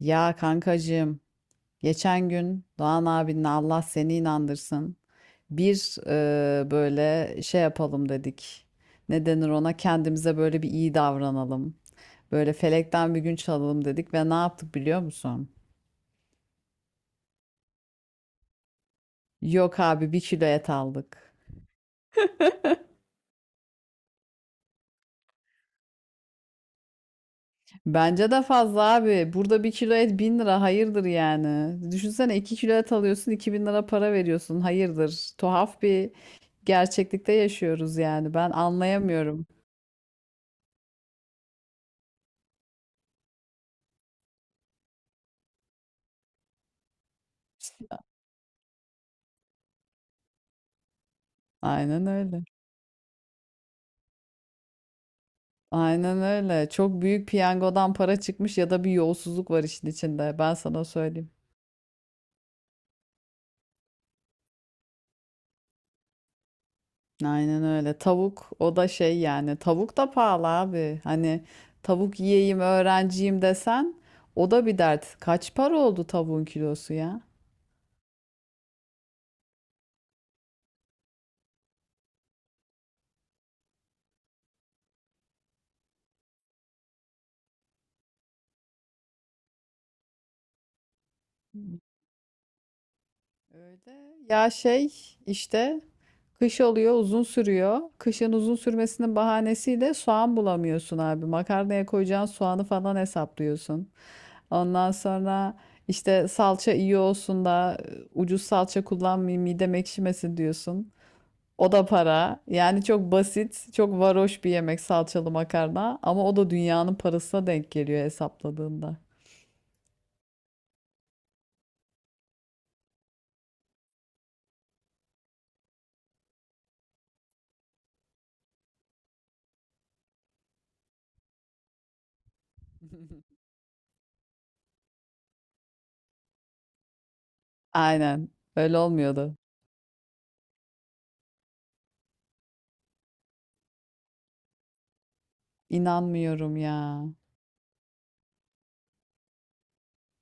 Ya kankacığım, geçen gün Doğan abinle Allah seni inandırsın. Bir böyle şey yapalım dedik. Ne denir ona? Kendimize böyle bir iyi davranalım. Böyle felekten bir gün çalalım dedik ve ne yaptık biliyor musun? Yok abi bir kilo et aldık. Bence de fazla abi. Burada bir kilo et bin lira hayırdır yani. Düşünsene 2 kilo et alıyorsun 2.000 lira para veriyorsun hayırdır. Tuhaf bir gerçeklikte yaşıyoruz yani. Ben anlayamıyorum. Aynen öyle. Aynen öyle. Çok büyük piyangodan para çıkmış ya da bir yolsuzluk var işin içinde. Ben sana söyleyeyim. Aynen öyle. Tavuk o da şey yani. Tavuk da pahalı abi. Hani tavuk yiyeyim öğrenciyim desen o da bir dert. Kaç para oldu tavuğun kilosu ya? Öyle. Ya şey işte kış oluyor uzun sürüyor. Kışın uzun sürmesinin bahanesiyle soğan bulamıyorsun abi. Makarnaya koyacağın soğanı falan hesaplıyorsun. Ondan sonra işte salça iyi olsun da ucuz salça kullanmayayım midem ekşimesin diyorsun. O da para. Yani çok basit, çok varoş bir yemek salçalı makarna ama o da dünyanın parasına denk geliyor hesapladığında. Aynen. Öyle olmuyordu. İnanmıyorum ya.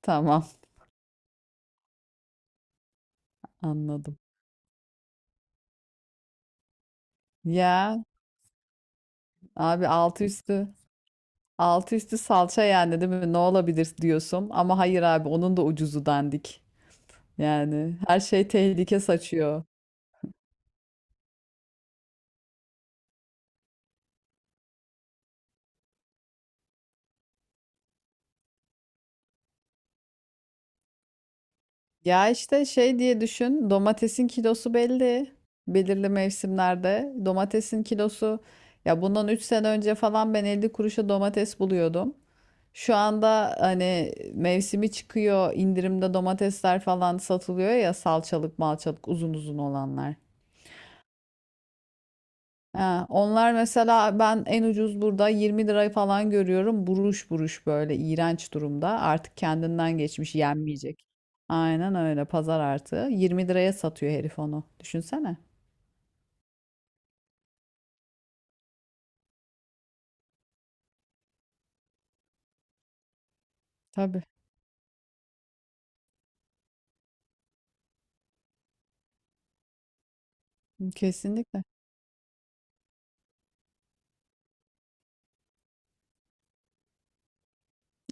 Tamam. Anladım. Ya abi altı üstü salça yani değil mi? Ne olabilir diyorsun? Ama hayır abi onun da ucuzu dandik. Yani her şey tehlike saçıyor. Ya işte şey diye düşün, domatesin kilosu belli. Belirli mevsimlerde domatesin kilosu ya bundan 3 sene önce falan ben 50 kuruşa domates buluyordum. Şu anda hani mevsimi çıkıyor, indirimde domatesler falan satılıyor ya salçalık, malçalık uzun uzun olanlar. Ha, onlar mesela ben en ucuz burada 20 lirayı falan görüyorum. Buruş buruş böyle iğrenç durumda. Artık kendinden geçmiş yenmeyecek. Aynen öyle pazar artığı. 20 liraya satıyor herif onu. Düşünsene. Tabii kesinlikle.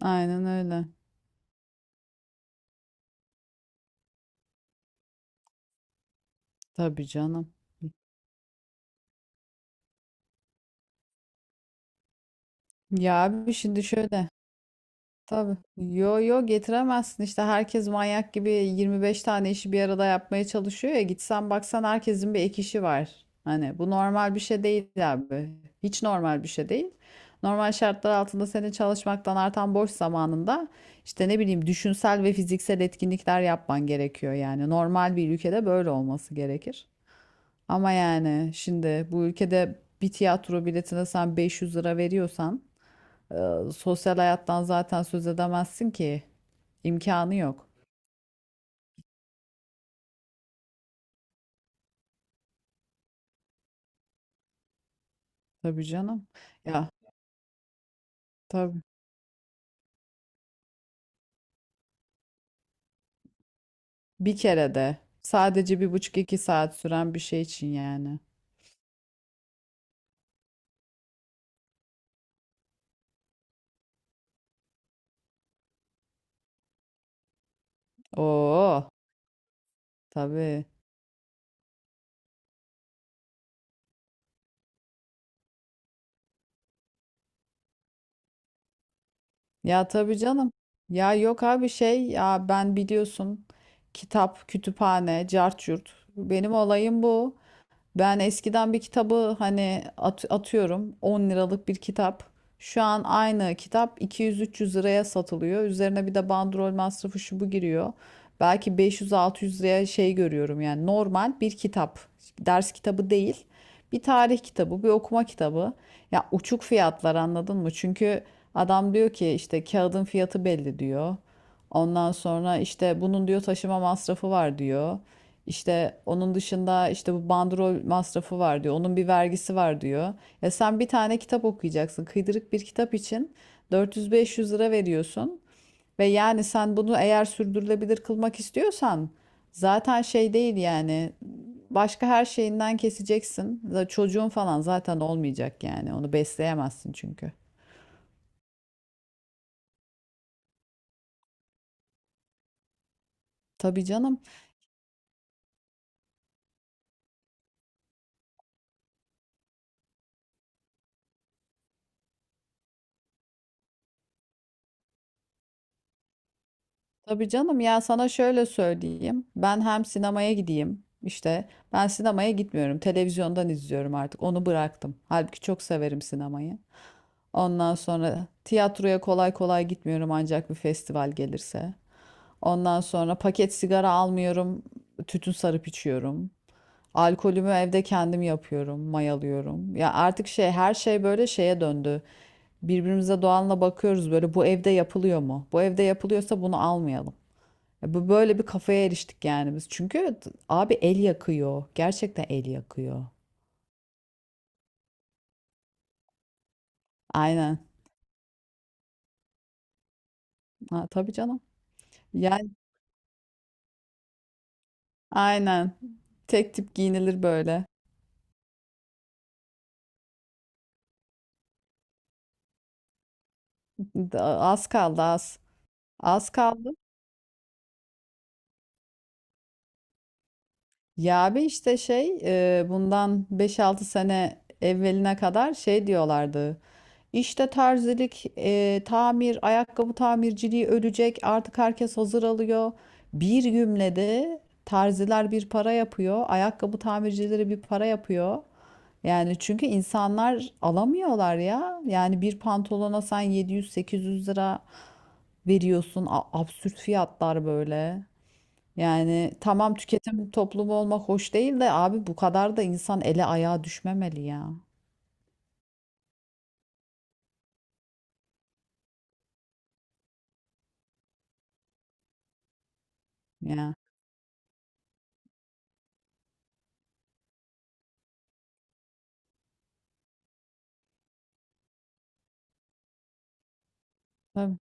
Aynen öyle. Tabii canım. Ya abi şimdi şöyle. Tabii. Yo yo getiremezsin işte herkes manyak gibi 25 tane işi bir arada yapmaya çalışıyor ya gitsen baksan herkesin bir ek işi var. Hani bu normal bir şey değil abi. Hiç normal bir şey değil. Normal şartlar altında senin çalışmaktan artan boş zamanında işte ne bileyim düşünsel ve fiziksel etkinlikler yapman gerekiyor yani. Normal bir ülkede böyle olması gerekir. Ama yani şimdi bu ülkede bir tiyatro biletine sen 500 lira veriyorsan sosyal hayattan zaten söz edemezsin ki. İmkanı yok. Tabii canım. Ya tabii. Bir kere de sadece bir buçuk iki saat süren bir şey için yani. Oo tabii. Ya tabii canım. Ya yok abi şey ya ben biliyorsun kitap, kütüphane, cart curt. Benim olayım bu. Ben eskiden bir kitabı hani atıyorum 10 liralık bir kitap. Şu an aynı kitap 200-300 liraya satılıyor. Üzerine bir de bandrol masrafı şu bu giriyor. Belki 500-600 liraya şey görüyorum yani normal bir kitap. Ders kitabı değil. Bir tarih kitabı, bir okuma kitabı. Ya uçuk fiyatlar anladın mı? Çünkü adam diyor ki işte kağıdın fiyatı belli diyor. Ondan sonra işte bunun diyor taşıma masrafı var diyor. İşte onun dışında işte bu bandrol masrafı var diyor. Onun bir vergisi var diyor. Ya sen bir tane kitap okuyacaksın. Kıydırık bir kitap için 400-500 lira veriyorsun. Ve yani sen bunu eğer sürdürülebilir kılmak istiyorsan zaten şey değil yani. Başka her şeyinden keseceksin. Çocuğun falan zaten olmayacak yani. Onu besleyemezsin çünkü. Tabii canım. Tabii canım ya sana şöyle söyleyeyim. Ben hem sinemaya gideyim. İşte ben sinemaya gitmiyorum. Televizyondan izliyorum artık. Onu bıraktım. Halbuki çok severim sinemayı. Ondan sonra tiyatroya kolay kolay gitmiyorum ancak bir festival gelirse. Ondan sonra paket sigara almıyorum. Tütün sarıp içiyorum. Alkolümü evde kendim yapıyorum, mayalıyorum. Ya artık şey her şey böyle şeye döndü. Birbirimize doğanla bakıyoruz böyle bu evde yapılıyor mu? Bu evde yapılıyorsa bunu almayalım. Ya bu böyle bir kafaya eriştik yani biz. Çünkü abi el yakıyor. Gerçekten el yakıyor. Aynen. Ha, tabii canım. Yani aynen. Tek tip giyinilir böyle. Az kaldı az. Az kaldı. Ya abi işte şey bundan beş altı sene evveline kadar şey diyorlardı. İşte terzilik, tamir, ayakkabı tamirciliği ölecek. Artık herkes hazır alıyor. Bir gümlede terziler bir para yapıyor. Ayakkabı tamircileri bir para yapıyor. Yani çünkü insanlar alamıyorlar ya. Yani bir pantolona sen 700-800 lira veriyorsun. Absürt fiyatlar böyle. Yani tamam tüketim toplumu olmak hoş değil de abi bu kadar da insan ele ayağa düşmemeli ya. Ya. Tabii.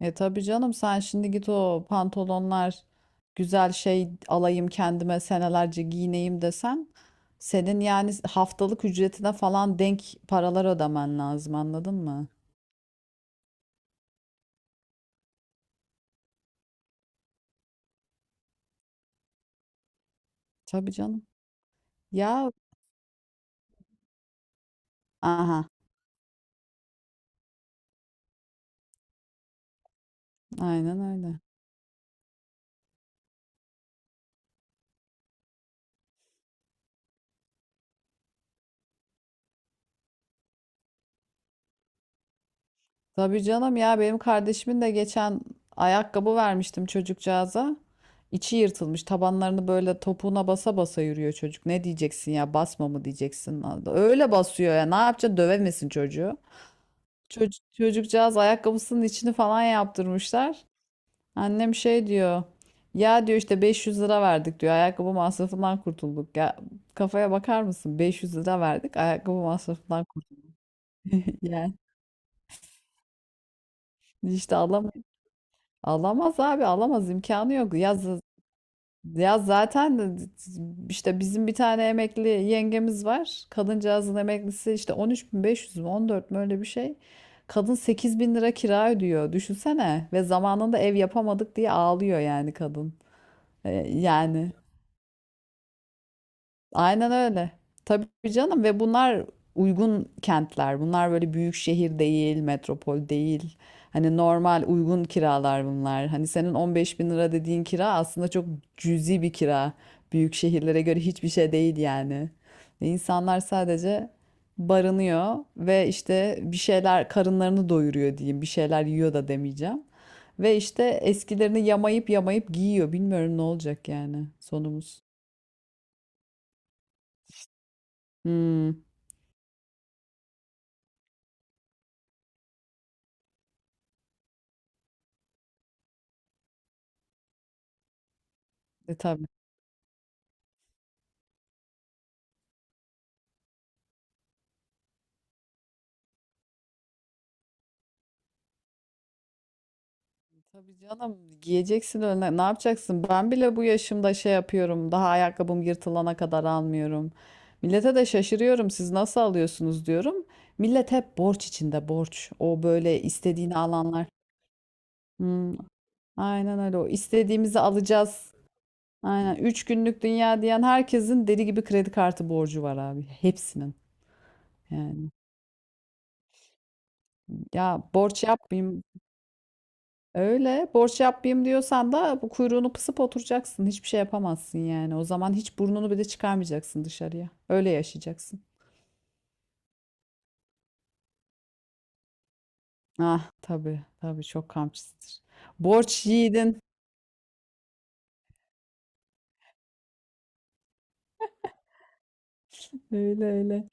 E tabii canım sen şimdi git o pantolonlar güzel şey alayım kendime senelerce giyineyim desen senin yani haftalık ücretine falan denk paralar ödemen lazım anladın mı? Tabii canım. Ya aha aynen öyle. Tabii canım ya benim kardeşimin de geçen ayakkabı vermiştim çocukcağıza. İçi yırtılmış tabanlarını böyle topuğuna basa basa yürüyor çocuk. Ne diyeceksin ya basma mı diyeceksin. Öyle basıyor ya ne yapacaksın dövemesin çocuğu. Çocuk, çocukcağız ayakkabısının içini falan yaptırmışlar. Annem şey diyor. Ya diyor işte 500 lira verdik diyor. Ayakkabı masrafından kurtulduk. Ya kafaya bakar mısın? 500 lira verdik. Ayakkabı masrafından kurtulduk. Yani işte alamaz. Alamaz abi alamaz imkanı yok. Ya zaten işte bizim bir tane emekli yengemiz var. Kadıncağızın emeklisi işte 13.500 mü 14 mü öyle bir şey. Kadın 8.000 lira kira ödüyor. Düşünsene. Ve zamanında ev yapamadık diye ağlıyor yani kadın. E, yani Aynen öyle. Tabii canım ve bunlar uygun kentler. Bunlar böyle büyük şehir değil, metropol değil. Hani normal uygun kiralar bunlar. Hani senin 15 bin lira dediğin kira aslında çok cüzi bir kira. Büyük şehirlere göre hiçbir şey değil yani. Ve İnsanlar sadece barınıyor ve işte bir şeyler karınlarını doyuruyor diyeyim. Bir şeyler yiyor da demeyeceğim. Ve işte eskilerini yamayıp yamayıp giyiyor. Bilmiyorum ne olacak yani sonumuz. Hmm. E tabii. Tabii canım giyeceksin önüne. Ne yapacaksın? Ben bile bu yaşımda şey yapıyorum. Daha ayakkabım yırtılana kadar almıyorum. Millete de şaşırıyorum. Siz nasıl alıyorsunuz diyorum. Millet hep borç içinde borç. O böyle istediğini alanlar. Hmm, aynen öyle. O istediğimizi alacağız. Aynen. Üç günlük dünya diyen herkesin deli gibi kredi kartı borcu var abi. Hepsinin. Yani ya borç yapmayayım. Öyle borç yapayım diyorsan da bu kuyruğunu pısıp oturacaksın. Hiçbir şey yapamazsın yani. O zaman hiç burnunu bile çıkarmayacaksın dışarıya. Öyle yaşayacaksın. Ah tabii tabii çok kamçısıdır. Borç yiğidin. Öyle öyle.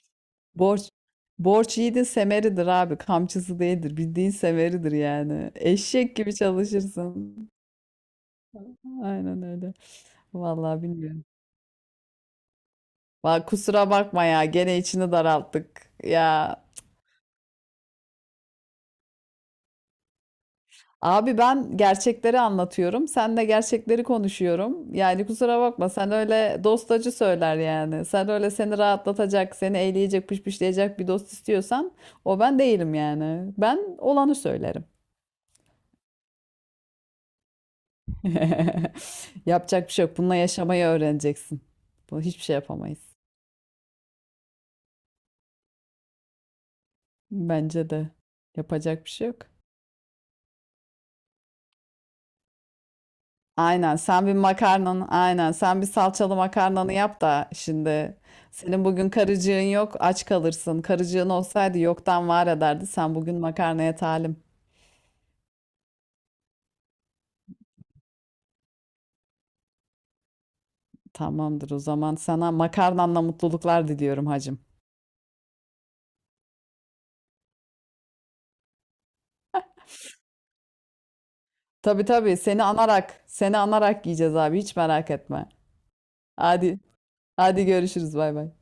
Borç, borç yiğidin semeridir abi. Kamçısı değildir. Bildiğin semeridir yani. Eşek gibi çalışırsın. Aynen öyle. Vallahi bilmiyorum. Bak kusura bakma ya gene içini daralttık. Ya abi ben gerçekleri anlatıyorum. Sen de gerçekleri konuşuyorum. Yani kusura bakma sen öyle dostacı söyler yani. Sen öyle seni rahatlatacak, seni eğleyecek, pışpışlayacak bir dost istiyorsan o ben değilim yani. Ben olanı söylerim. Yapacak bir şey yok. Bununla yaşamayı öğreneceksin. Bu hiçbir şey yapamayız. Bence de yapacak bir şey yok. Aynen sen bir salçalı makarnanı yap da şimdi senin bugün karıcığın yok aç kalırsın. Karıcığın olsaydı yoktan var ederdi. Sen bugün makarnaya talim. Tamamdır o zaman sana makarnanla mutluluklar diliyorum hacım. Tabii tabii seni anarak seni anarak yiyeceğiz abi hiç merak etme. Hadi hadi görüşürüz bay bay.